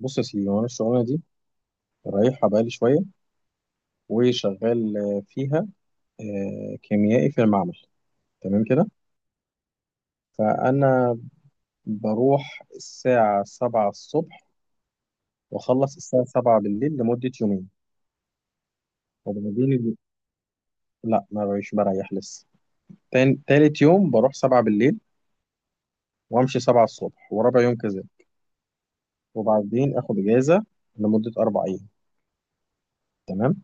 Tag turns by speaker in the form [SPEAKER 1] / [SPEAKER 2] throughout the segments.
[SPEAKER 1] بص يا سيدي، وانا الشغلانه دي رايحها بقالي شويه وشغال فيها، كيميائي في المعمل. تمام كده. فانا بروح الساعه 7 الصبح واخلص الساعه 7 بالليل لمده يومين، وبعدين لا، ما بقيش بريح لسه. تالت يوم بروح 7 بالليل وامشي 7 الصبح، ورابع يوم كذا، وبعدين اخد اجازه لمده 4 ايام. تمام.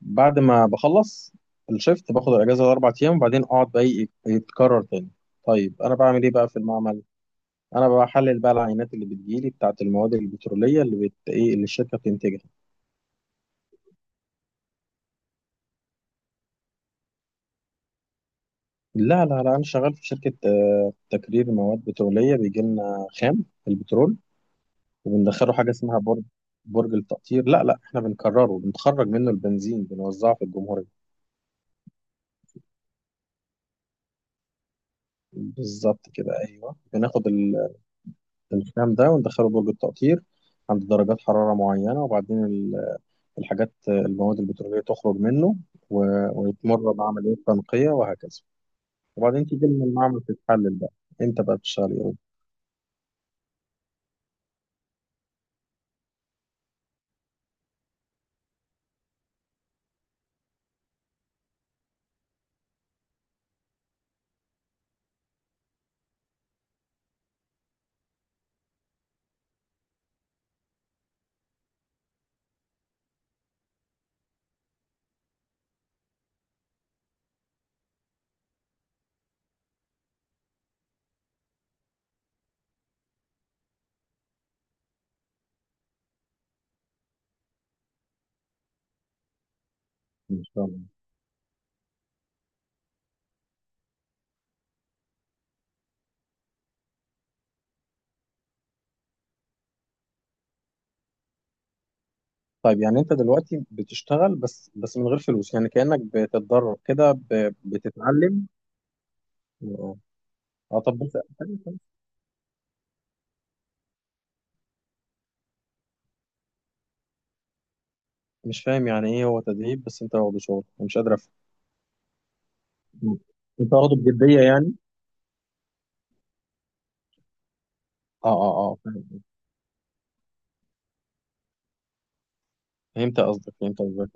[SPEAKER 1] بعد ما بخلص الشيفت باخد الاجازه الاربع ايام، وبعدين اقعد بقى يتكرر تاني. طيب انا بعمل ايه بقى في المعمل؟ انا بحلل بقى العينات اللي بتجيلي بتاعه المواد البتروليه اللي ايه اللي الشركه بتنتجها. لا لا لا، انا شغال في شركه تكرير مواد بتروليه. بيجي لنا خام البترول وبندخله حاجه اسمها برج التقطير. لا لا، احنا بنكرره. بنخرج منه البنزين، بنوزعه في الجمهوريه. بالظبط كده، ايوه، بناخد الخام ده وندخله درج التقطير عند درجات حرارة معينة، وبعدين الحاجات المواد البترولية تخرج منه، ويتمر بعملية تنقية وهكذا. وبعدين تيجي من المعمل تتحلل بقى. انت بقى بتشتغل ايه؟ ان شاء الله. طيب يعني انت دلوقتي بتشتغل بس من غير فلوس، يعني كأنك بتتدرب كده، بتتعلم. اه. طب بس مش فاهم. يعني ايه هو تدريب بس انت واخده شغل؟ أنا مش قادر افهم. انت واخده بجدية يعني؟ اه اه اه، فاهم. فهمت قصدك، فهمت قصدك.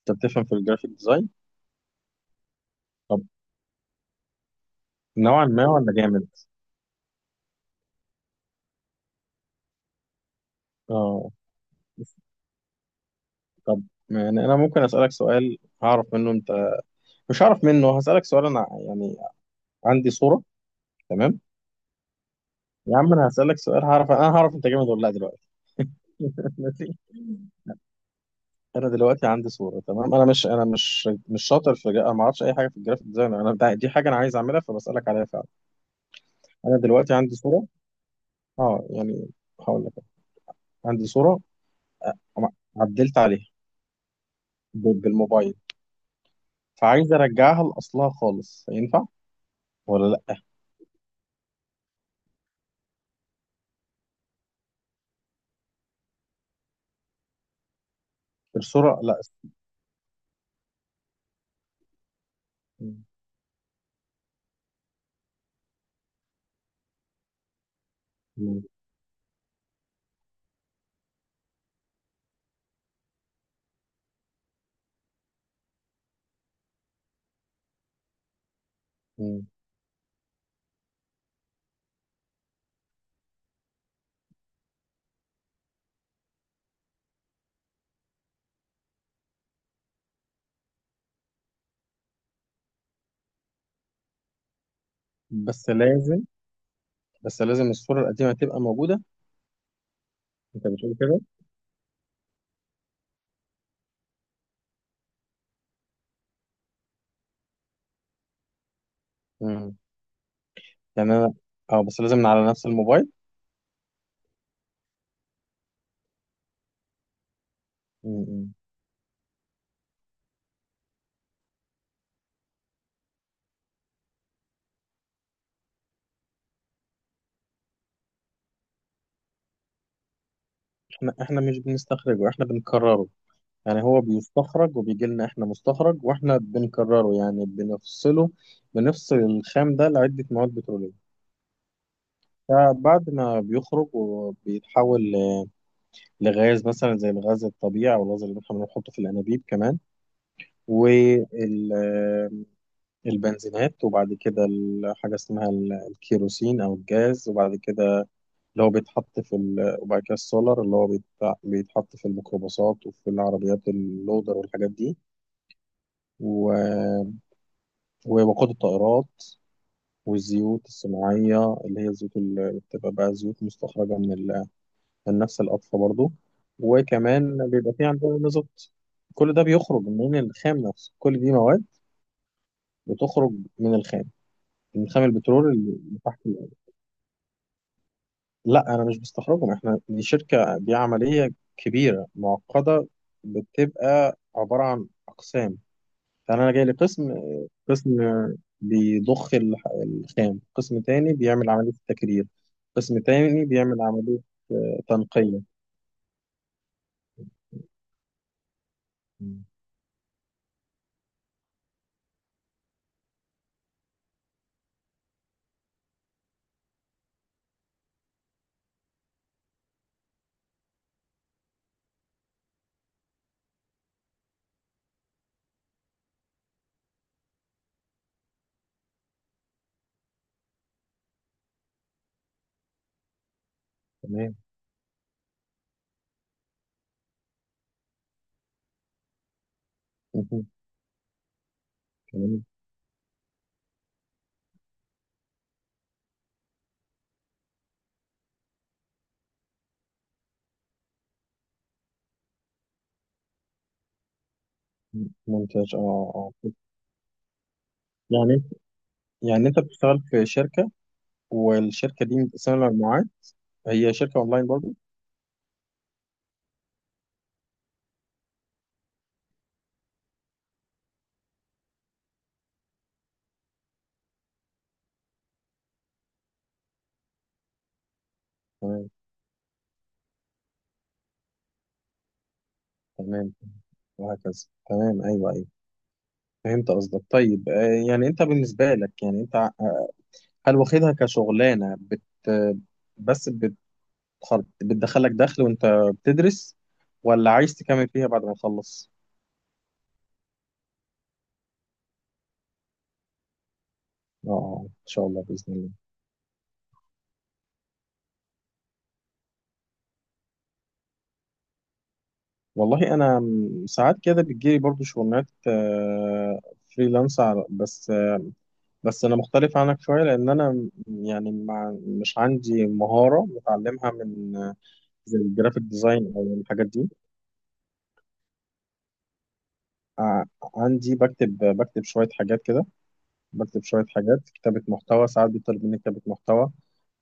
[SPEAKER 1] انت بتفهم في الجرافيك ديزاين؟ طب نوعا ما ولا جامد؟ اه. طب يعني انا ممكن اسالك سؤال هعرف منه انت، مش هعرف منه، هسالك سؤال انا يعني. عندي صوره. تمام. يا عم انا هسالك سؤال، هعرف انا، هعرف انت جامد ولا لا دلوقتي. ماشي. انا دلوقتي عندي صوره. تمام. انا مش شاطر في انا ما اعرفش اي حاجه في الجرافيك ديزاين. انا دي حاجه انا عايز اعملها فبسالك عليها فعلا. انا دلوقتي عندي صوره. اه يعني. هقول لك. عندي صوره عدلت عليها بالموبايل، فعايز ارجعها لاصلها خالص. ينفع ولا لا؟ الصوره، لا. مم. مم. بس لازم بس لازم الصوره القديمه تبقى موجوده. انت بتقول كده؟ مم. يعني انا، اه بس لازم من على نفس الموبايل. مم. احنا مش بنستخرجه. احنا بنكرره. يعني هو بيستخرج وبيجي لنا، احنا مستخرج، واحنا بنكرره. يعني بنفصل الخام ده لعده مواد بتروليه. فبعد ما بيخرج وبيتحول لغاز مثلا، زي الغاز الطبيعي او الغاز اللي احنا بنحطه في الانابيب كمان، والبنزينات. وبعد كده حاجة اسمها الكيروسين أو الجاز، وبعد كده اللي هو بيتحط في وبعد كده السولار اللي هو بيتحط في الميكروباصات وفي العربيات اللودر والحاجات دي، و... ووقود الطائرات، والزيوت الصناعية، اللي هي الزيوت اللي بتبقى بقى زيوت مستخرجة من نفس الأطفة برضو. وكمان بيبقى في عندنا مازوت. كل ده بيخرج من الخام نفسه. كل دي مواد بتخرج من الخام من خام البترول اللي تحت الأرض. لا، أنا مش بستخرجهم. إحنا دي شركة، دي عملية كبيرة معقدة. بتبقى عبارة عن أقسام. فأنا جاي لقسم. قسم بيضخ الخام، قسم تاني بيعمل عملية التكرير، قسم تاني بيعمل عملية تنقية. مم. تمام. مهم. تمام. مم. ممتاز، اه. اه يعني يعني انت بتشتغل في شركة، والشركة دي متقسمة لمجموعات. هي شركة اونلاين برضو؟ تمام. تمام وهكذا. تمام، ايوه ايوه. فهمت قصدك. طيب يعني انت بالنسبه لك، يعني انت، هل واخدها كشغلانه بس بتخر... بتدخلك دخل وانت بتدرس؟ ولا عايز تكمل فيها بعد ما تخلص؟ اه، ان شاء الله باذن الله. والله انا، ساعات كده بتجيلي برضو شغلانات فريلانس بس انا مختلف عنك شويه لان انا، يعني مش عندي مهاره متعلمها من زي الجرافيك ديزاين او الحاجات دي. ع- عندي، بكتب شوية حاجات كده. بكتب شوية حاجات كتابة محتوى. ساعات بيطلب مني كتابة محتوى.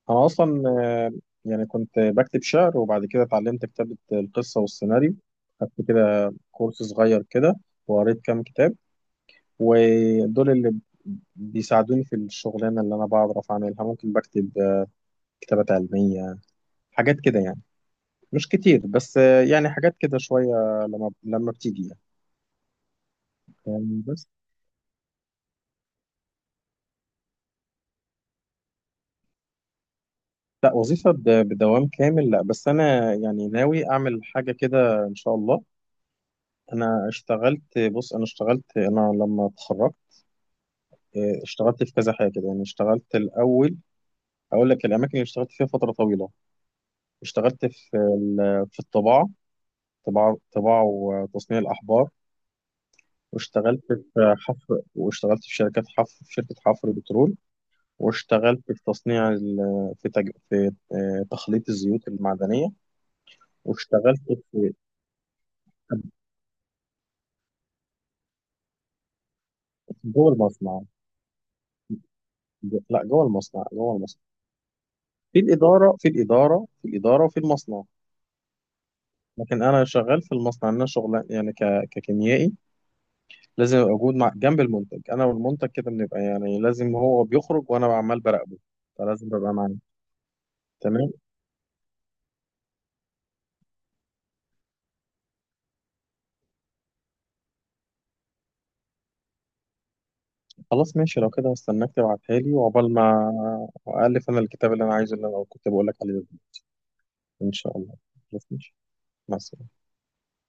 [SPEAKER 1] أنا أصلا يعني كنت بكتب شعر، وبعد كده اتعلمت كتابة القصة والسيناريو. خدت كده كورس صغير كده، وقريت كام كتاب. ودول اللي بيساعدوني في الشغلانة اللي أنا بعرف أعملها. ممكن بكتب كتابات علمية، حاجات كده يعني. مش كتير بس يعني حاجات كده شوية لما بتيجي يعني. لا، وظيفة بدوام كامل لا، بس أنا يعني ناوي أعمل حاجة كده إن شاء الله. أنا اشتغلت بص أنا اشتغلت، أنا لما اتخرجت، اه، اشتغلت في كذا حاجة كده يعني. اشتغلت الأول. أقول لك الأماكن اللي اشتغلت فيها فترة طويلة. اشتغلت في في الطباعة. طباعة وتصنيع الأحبار. واشتغلت في حفر، واشتغلت في شركات حفر، في شركة حفر بترول. واشتغلت في تصنيع ال- في تج... في اه، تخليط الزيوت المعدنية. واشتغلت في جوه المصنع. لا، جوه المصنع، جوه المصنع. في الإدارة، في الإدارة، في الإدارة وفي المصنع. لكن أنا شغال في المصنع. أنا شغل يعني ككيميائي. لازم أبقى موجود جنب المنتج. أنا والمنتج كده بنبقى، يعني لازم هو بيخرج وأنا عمال براقبه. فلازم ببقى معاه. تمام. خلاص ماشي. لو كده هستناك تبعتها لي، وعقبال ما ألف أنا الكتاب اللي أنا عايزه، اللي أنا كنت بقول لك عليه ده. إن شاء الله. خلاص ماشي. مع السلامة.